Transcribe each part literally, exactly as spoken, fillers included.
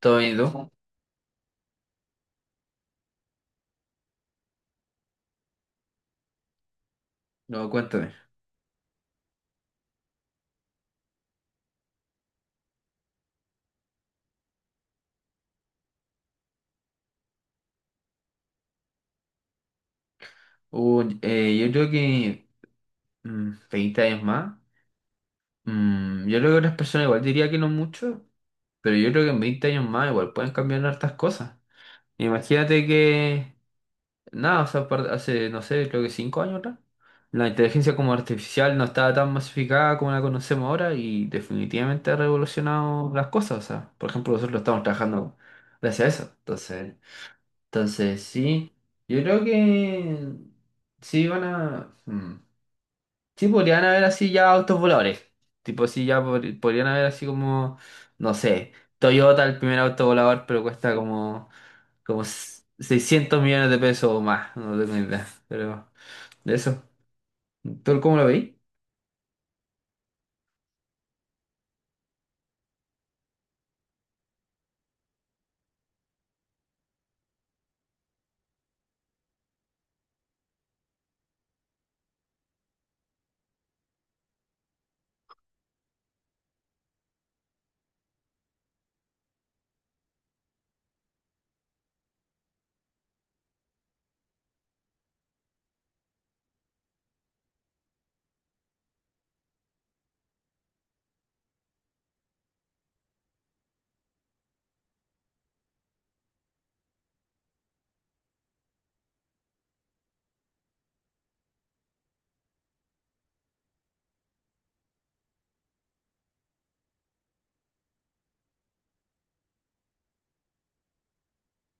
¿Todo bien, y tú? No, cuéntame. Uh, eh, yo creo que mm, veinte años más. Mm, yo creo que otras personas igual diría que no mucho, pero yo creo que en veinte años más igual pueden cambiar hartas cosas. Imagínate que, nada, o sea, par- hace, no sé, creo que cinco años atrás, la inteligencia como artificial no estaba tan masificada como la conocemos ahora y definitivamente ha revolucionado las cosas. O sea, por ejemplo, nosotros lo estamos trabajando gracias a eso. Entonces. Entonces, sí, yo creo que sí van a... mm, Sí, podrían haber así ya autos voladores. Tipo, sí, ya pod- podrían haber así como, no sé, Toyota, el primer auto volador, pero cuesta como, como s- seiscientos millones de pesos o más, no tengo ni idea. Pero de eso, ¿tú cómo lo veis?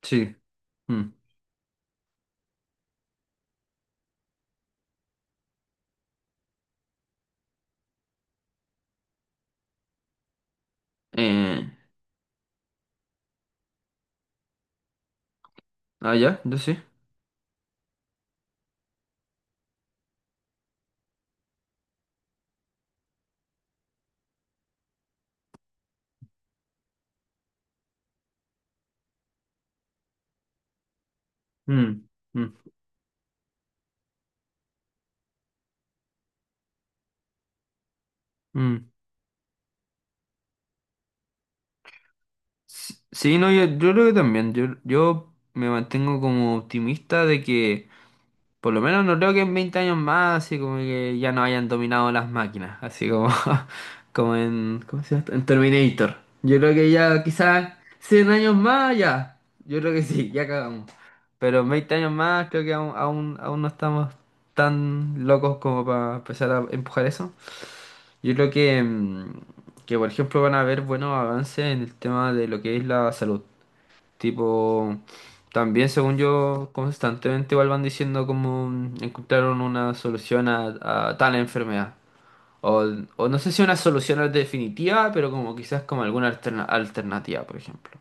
Sí. Mm. Eh, ah, ya, yo sí. Mm, mm, mm. Sí, sí, no, yo, yo creo que también. Yo, yo me mantengo como optimista de que, por lo menos, no creo que en veinte años más, así como que ya no hayan dominado las máquinas, así como, como en, ¿cómo se llama esto? En Terminator. Yo creo que ya quizás cien años más, ya. Yo creo que sí, ya cagamos. Pero en veinte años más creo que aún, aún, aún no estamos tan locos como para empezar a empujar eso. Yo creo que, mm, que, por ejemplo, van a haber buenos avances en el tema de lo que es la salud. Tipo, también según yo, constantemente igual van diciendo como mm, encontraron una solución a, a tal enfermedad. O, o no sé si una solución definitiva, pero como quizás como alguna alterna- alternativa, por ejemplo.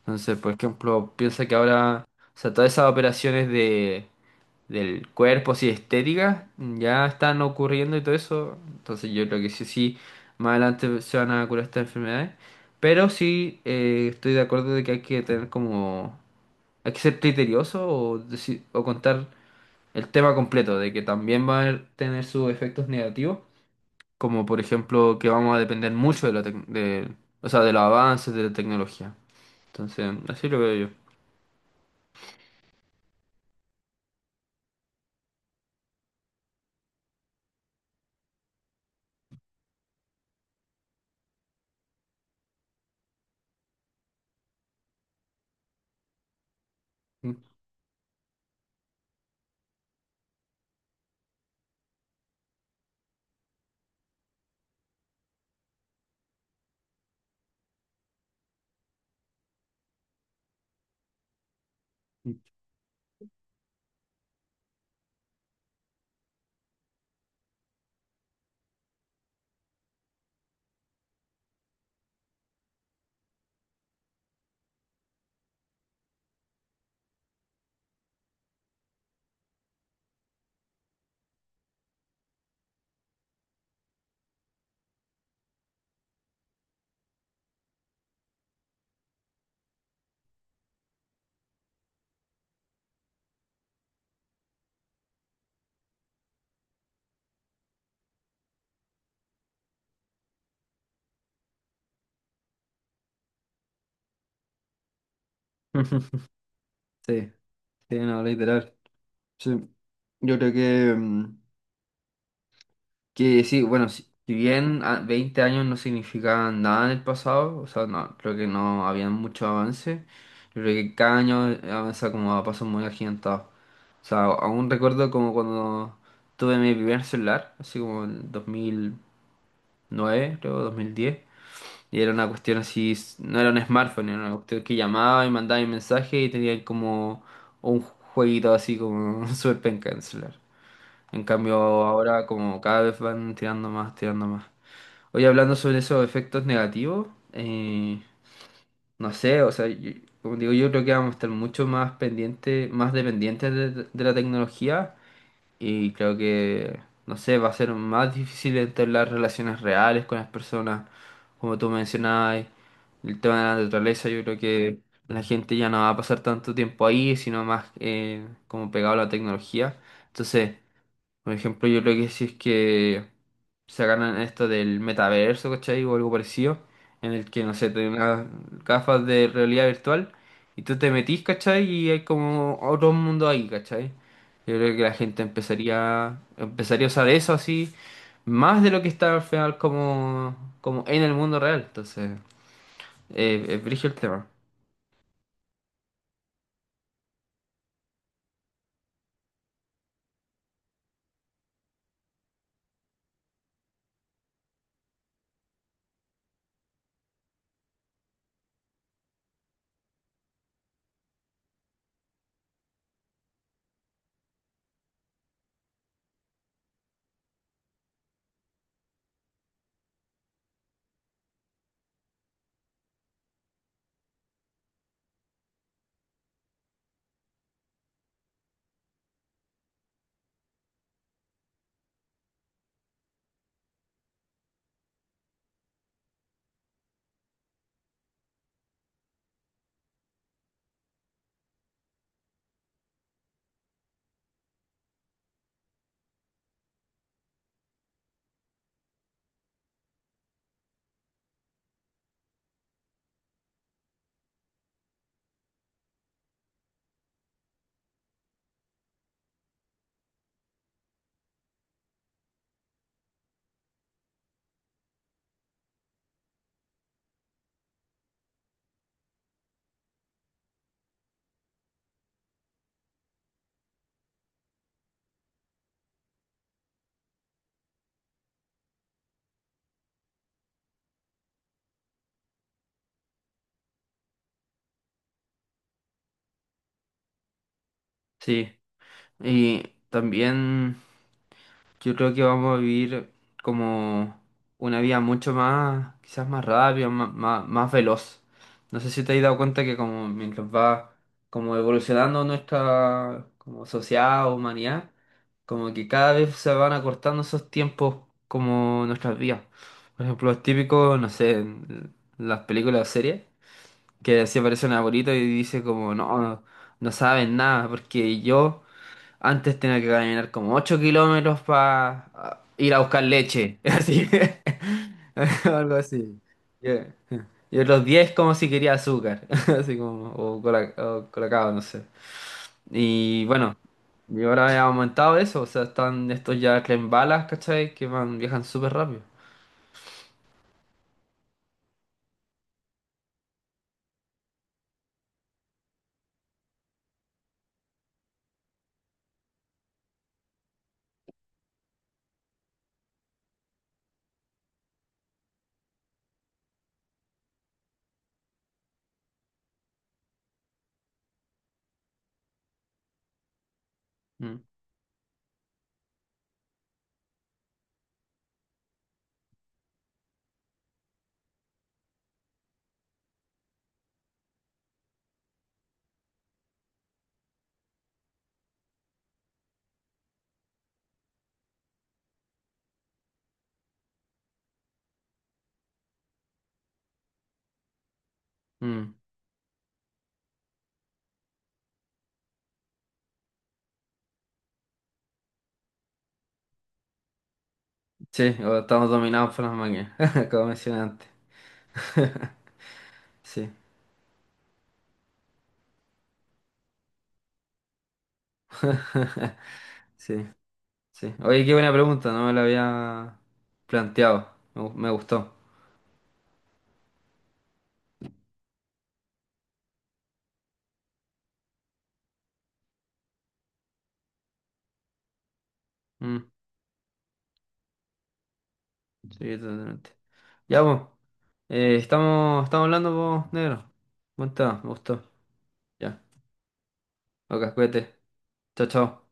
Entonces, por ejemplo, piensa que ahora, o sea, todas esas operaciones de, del cuerpo, así estéticas, ya están ocurriendo y todo eso. Entonces yo creo que sí, sí, más adelante se van a curar estas enfermedades. Pero sí, eh, estoy de acuerdo de que hay que tener como, hay que ser criterioso o, deci- o contar el tema completo, de que también va a tener sus efectos negativos, como por ejemplo que vamos a depender mucho de, la tec- de, o sea, de los avances de la tecnología. Entonces, así lo veo yo. Sí, sí, no, literal. Sí, yo creo que mm, que sí, bueno, si, si bien a- veinte años no significaban nada en el pasado, o sea, no, creo que no había mucho avance, yo creo que cada año eh, avanza como a pasos muy agigantados. O sea, aún recuerdo como cuando tuve mi primer celular, así como en dos mil nueve creo, dos mil diez y era una cuestión así, no era un smartphone, era una cuestión que llamaba y mandaba un mensaje y tenía como un jueguito así como súper penca en el celular. En cambio, ahora como cada vez van tirando más, tirando más. Oye, hablando sobre esos efectos negativos, eh, no sé, o sea, yo- como digo, yo creo que vamos a estar mucho más pendientes, más dependientes de, de la tecnología y creo que, no sé, va a ser más difícil entablar relaciones reales con las personas, como tú mencionabas, el tema de la naturaleza. Yo creo que la gente ya no va a pasar tanto tiempo ahí, sino más eh, como pegado a la tecnología. Entonces... Por ejemplo, yo creo que si es que se ganan esto del metaverso, ¿cachai? O algo parecido, en el que, no sé, te dan unas gafas de realidad virtual y tú te metís, ¿cachai? Y hay como otro mundo ahí, ¿cachai? Yo creo que la gente empezaría, empezaría a usar eso así, más de lo que está al final como, como en el mundo real. Entonces, eh, es brígido el tema. Sí. Y también. Yo creo que vamos a vivir como una vida mucho más, quizás más rápida, má- má- más veloz. No sé si te has dado cuenta que como mientras va como evolucionando nuestra como sociedad o humanidad, como que cada vez se van acortando esos tiempos como nuestras vidas. Por ejemplo, los típicos, no sé, en las películas o series, que así aparece un abuelito y dice como, no, no, no saben nada, porque yo antes tenía que caminar como ocho kilómetros para ir a buscar leche. Así que, algo así. Yeah. Y los diez como si quería azúcar. Así como. O, cola- o colacao, no sé. Y bueno. Y ahora he aumentado eso. O sea, están estos ya tren balas, ¿cachai? Que van, viajan súper rápido. Mm, mm. Sí, o estamos dominados por las máquinas. Como mencioné antes. Sí. Sí. Sí. Oye, qué buena pregunta, no me la había planteado. Me, gu- me gustó. Mm, sí, totalmente. Ya, pues. eh, estamos, estamos hablando, pues, negro. Buen tema, me gustó. Ya. Ok, cuídate. Chao, chao.